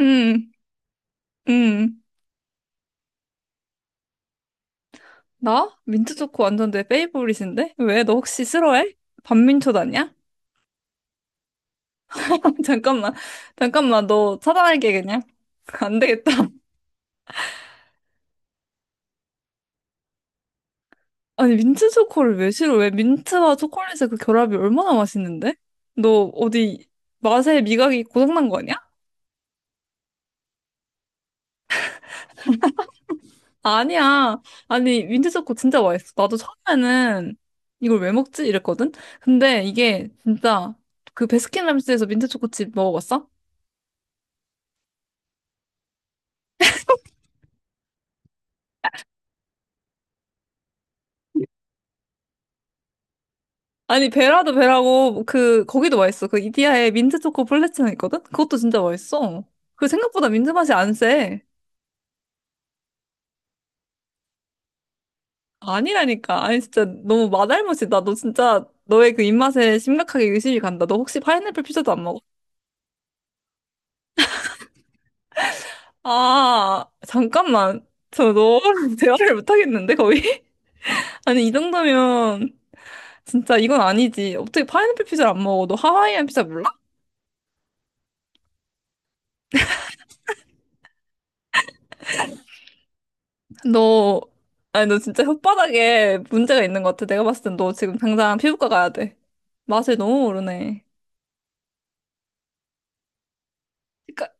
음, 음. 나? 민트 초코 완전 내 페이보릿인데? 왜? 너 혹시 싫어해? 반민초 다냐? 잠깐만, 잠깐만, 너 차단할게, 그냥. 안 되겠다. 아니, 민트 초코를 왜 싫어? 왜 민트와 초콜릿의 그 결합이 얼마나 맛있는데? 너 어디 맛에 미각이 고장난 거 아니야? 아니야. 아니, 민트 초코 진짜 맛있어. 나도 처음에는 이걸 왜 먹지? 이랬거든? 근데 이게 진짜 그 베스킨라빈스에서 민트 초코칩 먹어봤어? 아니 베라도 베라고 그 거기도 맛있어. 그 이디야에 민트 초코 플레츠는 있거든. 그것도 진짜 맛있어. 그 생각보다 민트 맛이 안 세. 아니라니까. 아니 진짜 너무 맛알못이다. 너 진짜 너의 그 입맛에 심각하게 의심이 간다. 너 혹시 파인애플 피자도 안 먹어? 아 잠깐만. 저 너랑 대화를 못 하겠는데 거의? 아니 이 정도면 진짜 이건 아니지. 어떻게 파인애플 피자를 안 먹어? 너 하와이안 피자 몰라? 너, 아니, 너 진짜 혓바닥에 문제가 있는 것 같아. 내가 봤을 땐 너 지금 당장 피부과 가야 돼. 맛을 너무 모르네. 그러니까,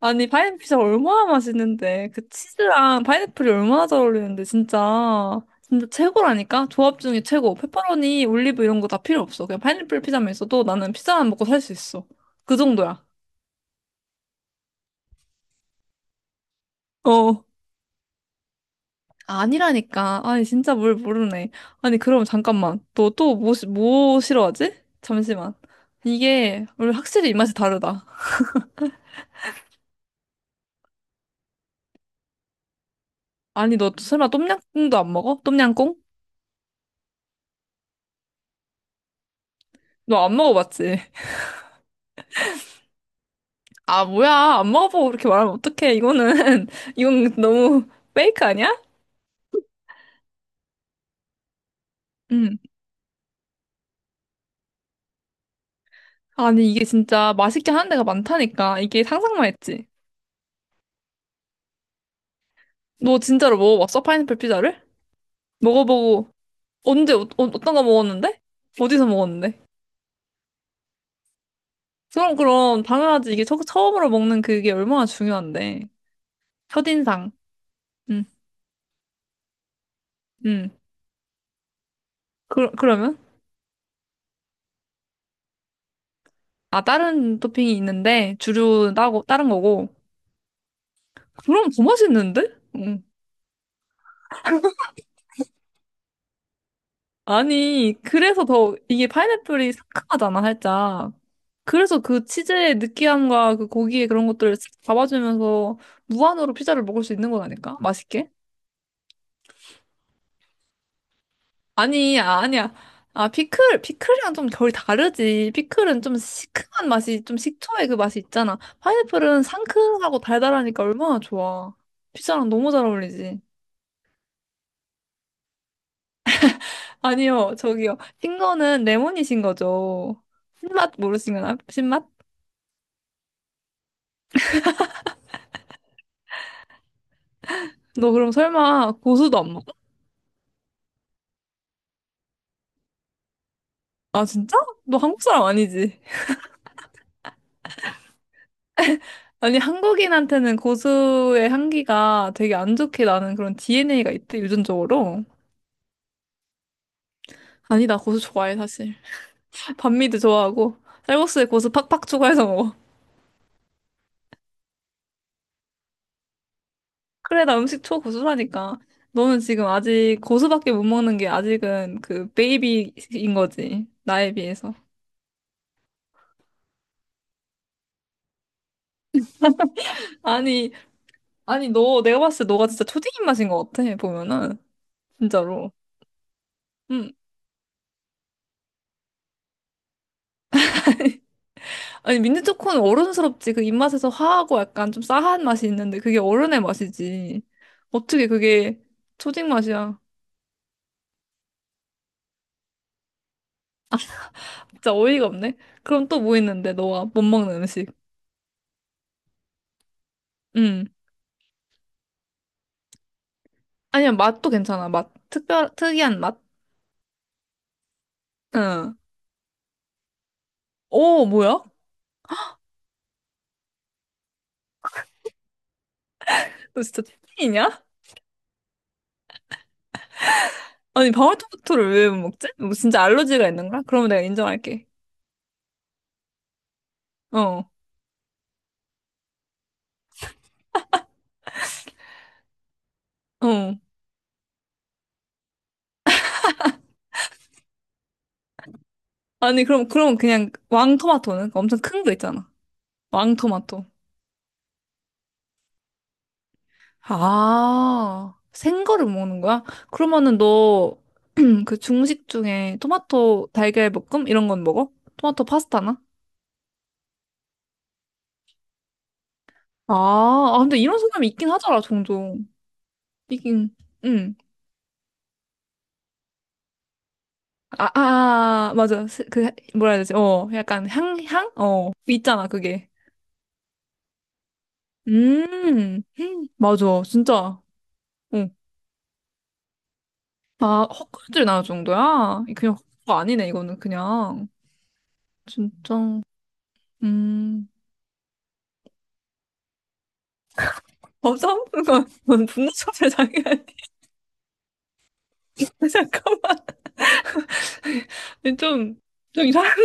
아니, 파인애플 피자 얼마나 맛있는데. 그 치즈랑 파인애플이 얼마나 잘 어울리는데, 진짜. 진짜 최고라니까? 조합 중에 최고. 페퍼로니, 올리브 이런 거 다 필요 없어. 그냥 파인애플 피자만 있어도 나는 피자만 먹고 살 수 있어. 그 정도야. 어. 아니라니까. 아니, 진짜 뭘 모르네. 아니, 그럼 잠깐만. 너 또 뭐, 뭐 싫어하지? 잠시만. 이게, 우리 확실히 입맛이 다르다. 아니, 너 설마 똠양꿍도 안 먹어? 똠양꿍? 너 안 먹어봤지? 아, 뭐야. 안 먹어보고 그렇게 말하면 어떡해. 이거는, 이건 너무 페이크 아니야? 응. 아니, 이게 진짜 맛있게 하는 데가 많다니까. 이게 상상만 했지. 너 진짜로 먹어봤어? 파인애플 피자를? 먹어보고, 언제, 어떤 거 먹었는데? 어디서 먹었는데? 그럼, 그럼, 당연하지. 이게 처음으로 먹는 그게 얼마나 중요한데. 첫인상. 응, 응. 그, 그러면? 아, 다른 토핑이 있는데, 주류 따고, 다른 거고. 그럼 더 맛있는데? 응. 아니, 그래서 더, 이게 파인애플이 상큼하잖아, 살짝. 그래서 그 치즈의 느끼함과 그 고기의 그런 것들을 싹 잡아주면서 무한으로 피자를 먹을 수 있는 거라니까? 맛있게? 아니, 아니야. 아, 피클, 피클이랑 좀 결이 다르지. 피클은 좀 시큼한 맛이, 좀 식초의 그 맛이 있잖아. 파인애플은 상큼하고 달달하니까 얼마나 좋아. 피자랑 너무 잘 어울리지. 아니요, 저기요. 신 거는 레몬이신 거죠. 신맛 모르신 거나? 신맛? 너 그럼 설마 고수도 안 먹어? 아, 진짜? 너 한국 사람 아니지? 아니, 한국인한테는 고수의 향기가 되게 안 좋게 나는 그런 DNA가 있대, 유전적으로. 아니, 나 고수 좋아해, 사실. 반미도 좋아하고 쌀국수에 고수 팍팍 추가해서 먹어. 그래, 나 음식 초고수라니까. 너는 지금 아직 고수밖에 못 먹는 게 아직은 그 베이비인 거지. 나에 비해서. 아니, 아니 너 내가 봤을 때 너가 진짜 초딩 입맛인 것 같아. 보면은 진짜로. 음. 아니 민트 초코는 어른스럽지. 그 입맛에서 화하고 약간 좀 싸한 맛이 있는데 그게 어른의 맛이지. 어떻게 그게 초딩 맛이야? 진짜 어이가 없네. 그럼 또 뭐 있는데 너가 못 먹는 음식? 음. 아니야, 맛도 괜찮아. 맛. 특이한 맛? 응. 오, 뭐야? 너 진짜 특이냐 아니, 방울토마토를 왜 못 먹지? 뭐 진짜 알러지가 있는 거야? 그러면 내가 인정할게. 어, 어. 아니, 그럼, 그럼 그냥 왕토마토는? 그 엄청 큰 거 있잖아. 왕토마토. 아, 생거를 먹는 거야? 그러면은 너, 그 중식 중에 토마토 달걀 볶음? 이런 건 먹어? 토마토 파스타나? 아, 아, 근데 이런 사람이 있긴 하더라, 종종. 있긴, 응. 아, 아, 맞아. 그, 뭐라 해야 되지? 어, 약간 향? 어, 있잖아, 그게. 맞아. 진짜. 어. 아, 헛구역질 나올 정도야? 그냥 헛구가 아니네, 이거는 그냥. 진짜. 음. 어, 싸우는 건 분노조절 장애아니 잠깐만. 좀, 좀 이상한.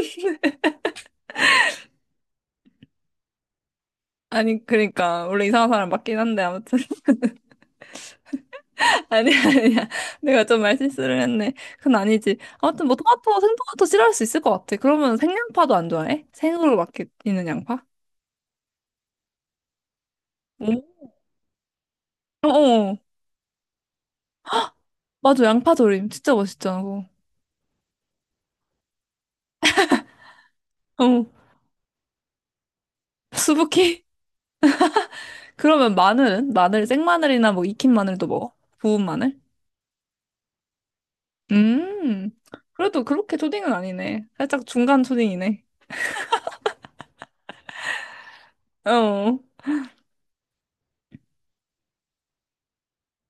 아니, 그러니까. 원래 이상한 사람 맞긴 한데, 아무튼. 아니야. 내가 좀 말 실수를 했네. 그건 아니지. 아무튼 뭐 토마토, 생토마토 싫어할 수 있을 것 같아. 그러면 생양파도 안 좋아해? 생으로 막 이렇게 있는 양파? 응? 어, 어. 맞아, 양파 조림. 진짜 맛있잖아, 그거. 어. 수북히? 그러면 마늘은? 마늘, 생마늘이나 뭐 익힌 마늘도 먹어? 구운 마늘? 음. 그래도 그렇게 초딩은 아니네. 살짝 중간 초딩이네. 어.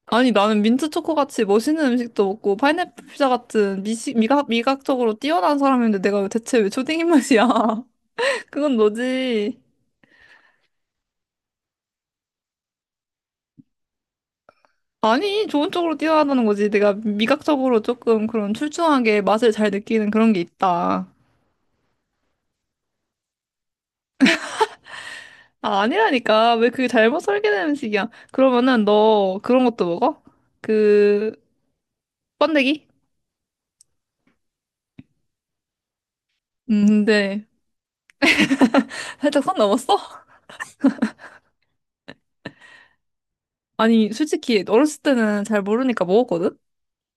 아니, 나는 민트 초코 같이 멋있는 음식도 먹고 파인애플 피자 같은 미식 미각, 미각적으로 뛰어난 사람인데 내가 왜 대체 왜 초딩 입맛이야? 그건 너지. 아니, 좋은 쪽으로 뛰어나다는 거지. 내가 미각적으로 조금 그런 출중하게 맛을 잘 느끼는 그런 게 있다. 아, 아니라니까. 왜 그게 잘못 설계된 음식이야? 그러면은 너 그런 것도 먹어? 그, 번데기? 근데 살짝 선 넘었어? 아니, 솔직히 어렸을 때는 잘 모르니까 먹었거든?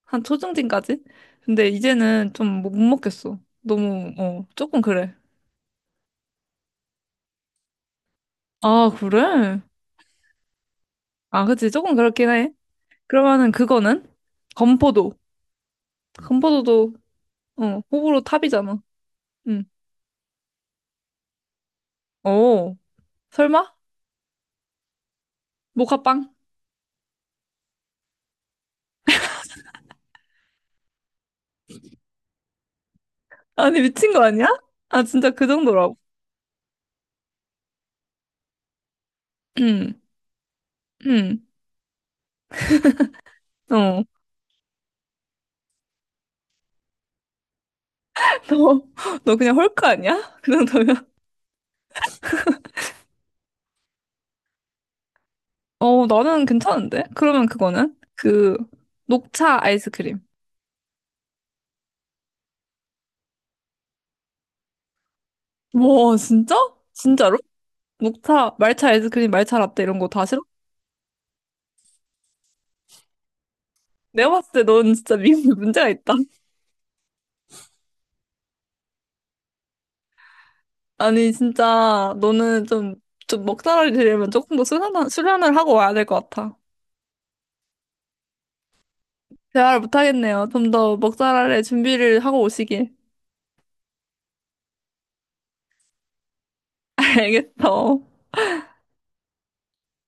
한 초중딩까지? 근데 이제는 좀 못 먹겠어. 너무, 어, 조금 그래. 아, 그래? 아, 그치. 조금 그렇긴 해. 그러면은 그거는? 건포도. 건포도도, 어, 호불호 탑이잖아. 응. 오, 설마? 모카빵? 아니, 미친 거 아니야? 아, 진짜 그 정도라고. 응, 응, 어. 너, 너 그냥 헐크 아니야? 그 정도면. 어, 나는 괜찮은데? 그러면 그거는? 그, 녹차 아이스크림. 와, 진짜? 진짜로? 목차, 말차 아이스크림, 말차 라떼 이런 거 다 싫어? 내가 봤을 때 넌 진짜 미국에 문제가 있다. 아니, 진짜 너는 좀, 좀 먹잘알이 되려면 조금 더 수련을 하고 와야 될 것 같아. 대화를 못하겠네요. 좀 더 먹잘알의 준비를 하고 오시길. 알겠어.